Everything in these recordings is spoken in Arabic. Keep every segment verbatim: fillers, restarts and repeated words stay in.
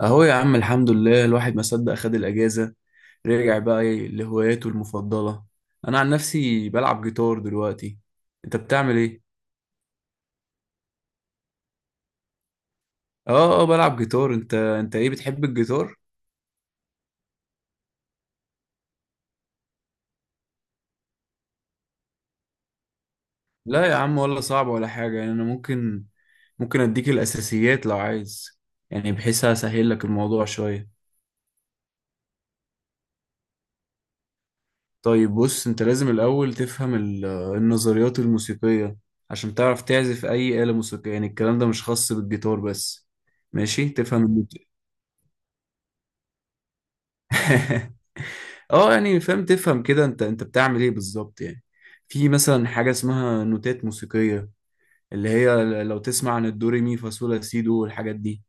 اهو يا عم، الحمد لله، الواحد ما صدق خد الاجازه. رجع بقى إيه لهواياته المفضله؟ انا عن نفسي بلعب جيتار دلوقتي. انت بتعمل ايه؟ اه اه، بلعب جيتار. انت انت ايه، بتحب الجيتار؟ لا يا عم، ولا صعب ولا حاجه، يعني انا ممكن ممكن اديك الاساسيات لو عايز، يعني بحيث اسهل لك الموضوع شويه. طيب بص، انت لازم الاول تفهم ال- النظريات الموسيقيه عشان تعرف تعزف اي آلة موسيقية. يعني الكلام ده مش خاص بالجيتار بس. ماشي تفهم. اه يعني فاهم، تفهم كده انت انت بتعمل ايه بالظبط يعني. في مثلا حاجة اسمها نوتات موسيقية، اللي هي لو تسمع عن الدوري مي فا صول لا سي دو والحاجات دي.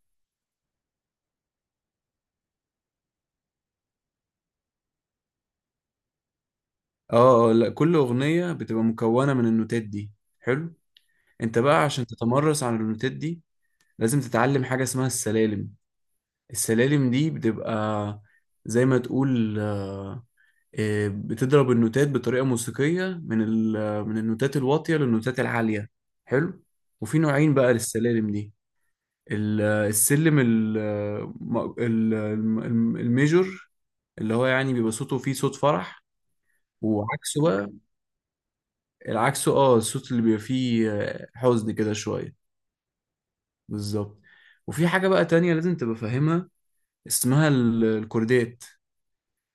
اه، آه، لا، كل أغنية بتبقى مكونة من النوتات دي. حلو. انت بقى عشان تتمرس على النوتات دي لازم تتعلم حاجة اسمها السلالم. السلالم دي بتبقى زي ما تقول، آه، آه، بتضرب النوتات بطريقة موسيقية من ال- من النوتات الواطية للنوتات العالية. حلو. وفي نوعين بقى للسلالم دي. ال- السلم ال- م- ال- الم- الميجور، اللي هو يعني بيبقى صوته فيه صوت فرح. وعكسه بقى، العكسه، اه، الصوت اللي بيبقى فيه آه، حزن كده شوية. بالظبط. وفي حاجة بقى تانية لازم تبقى فاهمها، اسمها ال- الكوردات.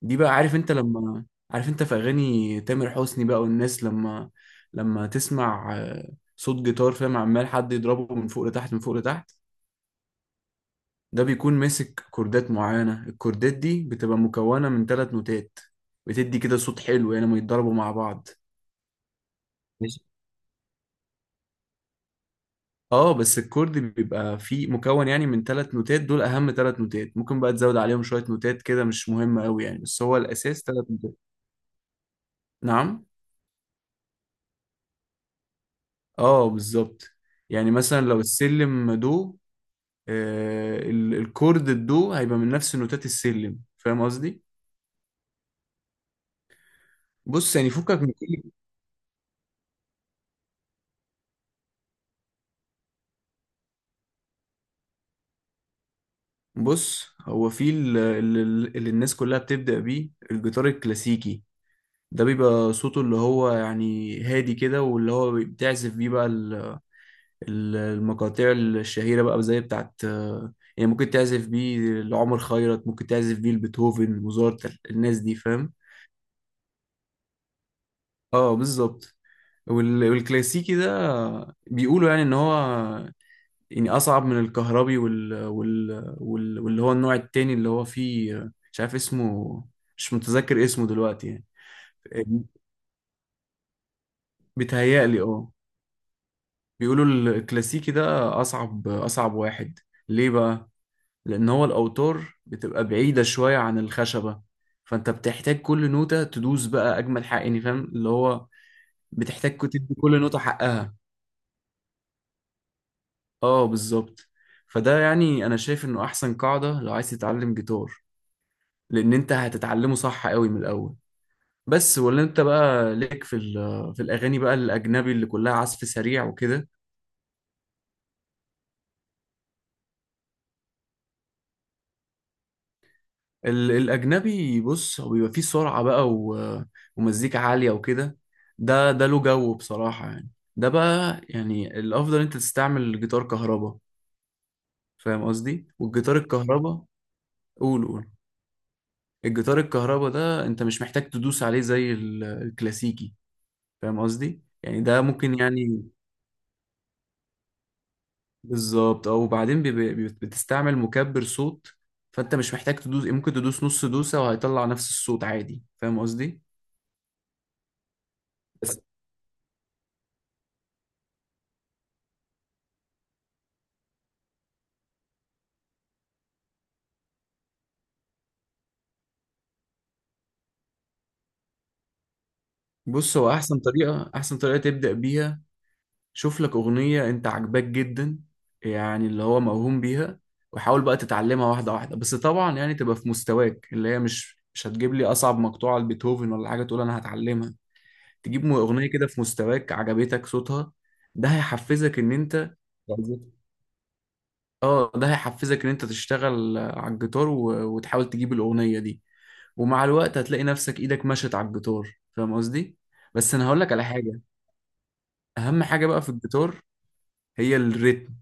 دي بقى، عارف انت لما، عارف انت في اغاني تامر حسني بقى، والناس لما لما تسمع آه، صوت جيتار، فاهم، عمال حد يضربه من فوق لتحت من فوق لتحت، ده بيكون ماسك كوردات معينة. الكوردات دي بتبقى مكونة من ثلاث نوتات، بتدي كده صوت حلو يعني لما يتضربوا مع بعض. مش، اه، بس الكورد بيبقى فيه مكون يعني من ثلاث نوتات. دول اهم ثلاث نوتات، ممكن بقى تزود عليهم شوية نوتات كده مش مهمة قوي يعني، بس هو الاساس ثلاث نوتات. نعم. اه بالظبط. يعني مثلا لو السلم دو، آه، ال- الكورد الدو هيبقى من نفس نوتات السلم، فاهم قصدي. بص يعني فكك من كل، بص، هو في ال- ال- ال- اللي الناس كلها بتبدأ بيه الجيتار الكلاسيكي. ده بيبقى صوته اللي هو يعني هادي كده، واللي هو بتعزف بيه بقى ال- ال- المقاطع الشهيرة بقى، زي بتاعت آه، يعني، ممكن تعزف بيه لعمر خيرت، ممكن تعزف بيه لبيتهوفن، موزارت، الناس دي، فاهم. اه بالظبط. وال- والكلاسيكي ده بيقولوا يعني ان هو يعني اصعب من الكهربي، وال... وال... وال... واللي هو النوع التاني اللي هو فيه، مش عارف اسمه، مش متذكر اسمه دلوقتي، يعني. بيتهيألي اه. بيقولوا الكلاسيكي ده اصعب اصعب واحد. ليه بقى؟ لان هو الاوتار بتبقى بعيدة شوية عن الخشبة، فانت بتحتاج كل نوتة تدوس بقى اجمل حق، يعني فاهم اللي هو، بتحتاج تدي كل نوتة حقها. اه بالظبط. فده يعني انا شايف انه احسن قاعدة لو عايز تتعلم جيتار، لان انت هتتعلمه صح قوي من الاول. بس ولا انت بقى ليك في ال- في الاغاني بقى الاجنبي اللي كلها عزف سريع وكده. ال- الاجنبي، بص، هو بيبقى فيه سرعه بقى و- ومزيكا عاليه وكده. ده ده له جو بصراحه يعني. ده بقى يعني الافضل انت تستعمل جيتار كهرباء، فاهم قصدي. والجيتار الكهرباء، قول قول، الجيتار الكهرباء ده انت مش محتاج تدوس عليه زي ال- الكلاسيكي، فاهم قصدي. يعني ده ممكن يعني بالظبط اه. وبعدين بيبقى- بت- بتستعمل مكبر صوت، فانت مش محتاج تدوس. يعني ممكن تدوس نص دوسة وهيطلع نفس الصوت عادي، فاهم قصدي. بس بص، هو احسن طريقة احسن طريقة تبدأ بيها، شوف لك اغنية انت عاجباك جدا، يعني اللي هو موهوم بيها، وحاول بقى تتعلمها واحدة واحدة. بس طبعا يعني تبقى في مستواك، اللي هي مش مش هتجيب لي اصعب مقطوعة لبيتهوفن ولا حاجة تقول انا هتعلمها. تجيب اغنية كده في مستواك عجبتك صوتها. ده هيحفزك ان انت، اه، ده هيحفزك ان انت تشتغل آه، على الجيتار و... وتحاول تجيب الاغنيه دي. ومع الوقت هتلاقي نفسك ايدك مشت على الجيتار، فاهم قصدي. بس انا هقول لك على حاجه: اهم حاجه بقى في الجيتار هي الريتم.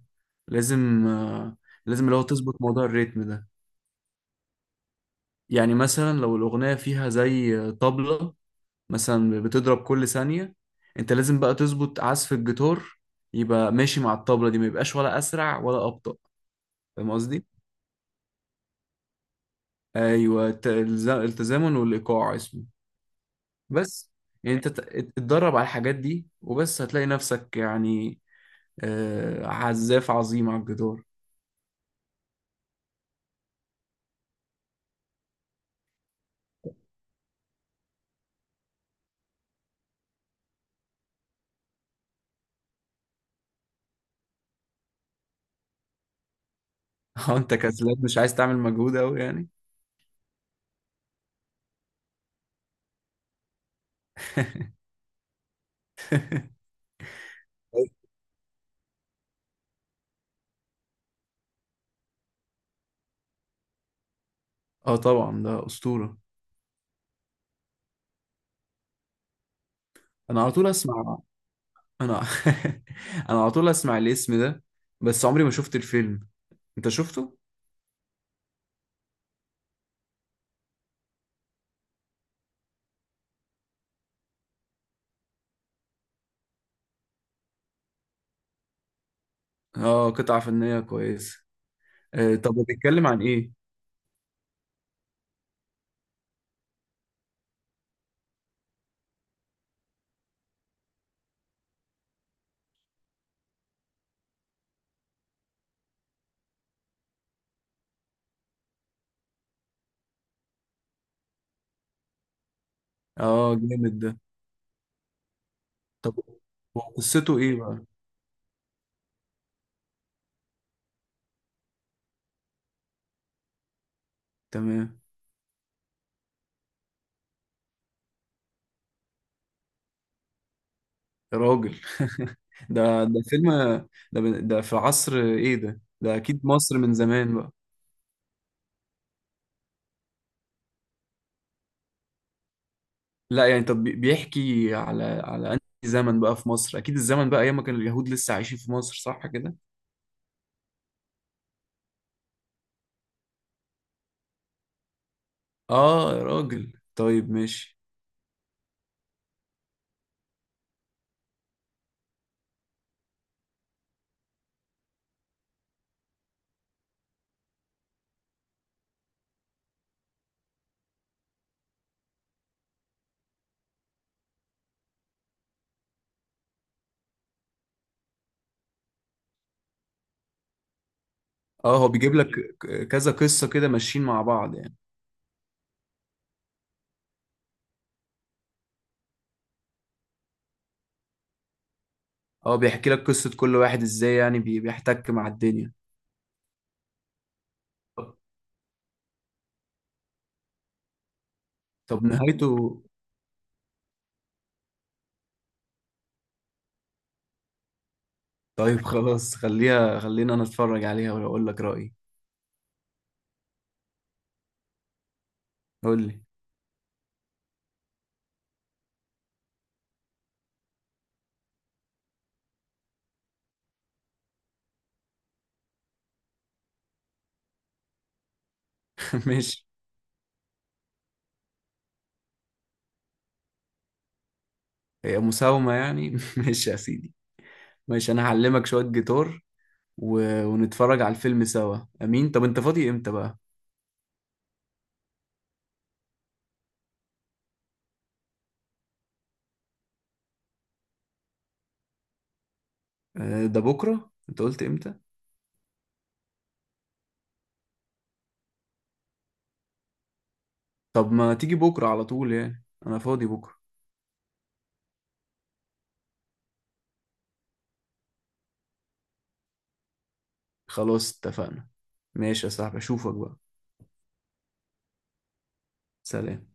لازم آه، لازم اللي هو تظبط موضوع الريتم ده. يعني مثلا لو الاغنيه فيها زي آه، طبله مثلا بتضرب كل ثانيه، انت لازم بقى تظبط عزف الجيتار يبقى ماشي مع الطبله دي، ما يبقاش ولا اسرع ولا ابطأ، فاهم قصدي. ايوه، الت- الز- التزامن والايقاع اسمه. بس يعني انت تت- اتدرب على الحاجات دي، وبس هتلاقي نفسك يعني آه، عزاف عظيم على الجدار. اه انت كسلان، مش عايز تعمل مجهود قوي يعني. اه طبعا، ده اسطوره. انا على طول اسمع، انا انا على طول اسمع الاسم ده، بس عمري ما شفت الفيلم. انت شفته؟ اه قطعه فنيه كويسه. آه طب بيتكلم عن ايه؟ اه جامد ده. طب هو قصته ايه بقى؟ تمام. يا راجل. ده ده فيلم. ده ده في عصر ايه؟ ده ده اكيد مصر من زمان بقى. لا يعني، طب بي- بيحكي على على انهي زمن بقى في مصر؟ اكيد الزمن بقى ايام ما كان اليهود لسه عايشين في مصر، صح كده؟ اه يا راجل، طيب ماشي. اه هو بيجيب لك ك- كذا قصة كده ماشيين مع بعض يعني. اه بيحكي لك قصة كل واحد ازاي يعني بي- بيحتك مع الدنيا. طب، طب نهايته؟ طيب خلاص خليها، خلينا انا اتفرج عليها واقول لك رأيي. قول لي. ماشي، هي مساومة يعني. ماشي يا سيدي. ماشي أنا هعلمك شوية جيتار و... ونتفرج على الفيلم سوا، أمين. طب أنت فاضي إمتى بقى؟ آه، ده بكرة؟ أنت قلت إمتى؟ طب ما تيجي بكرة على طول، يعني أنا فاضي بكرة. خلاص اتفقنا. ماشي يا صاحبي، أشوفك بقى. سلام.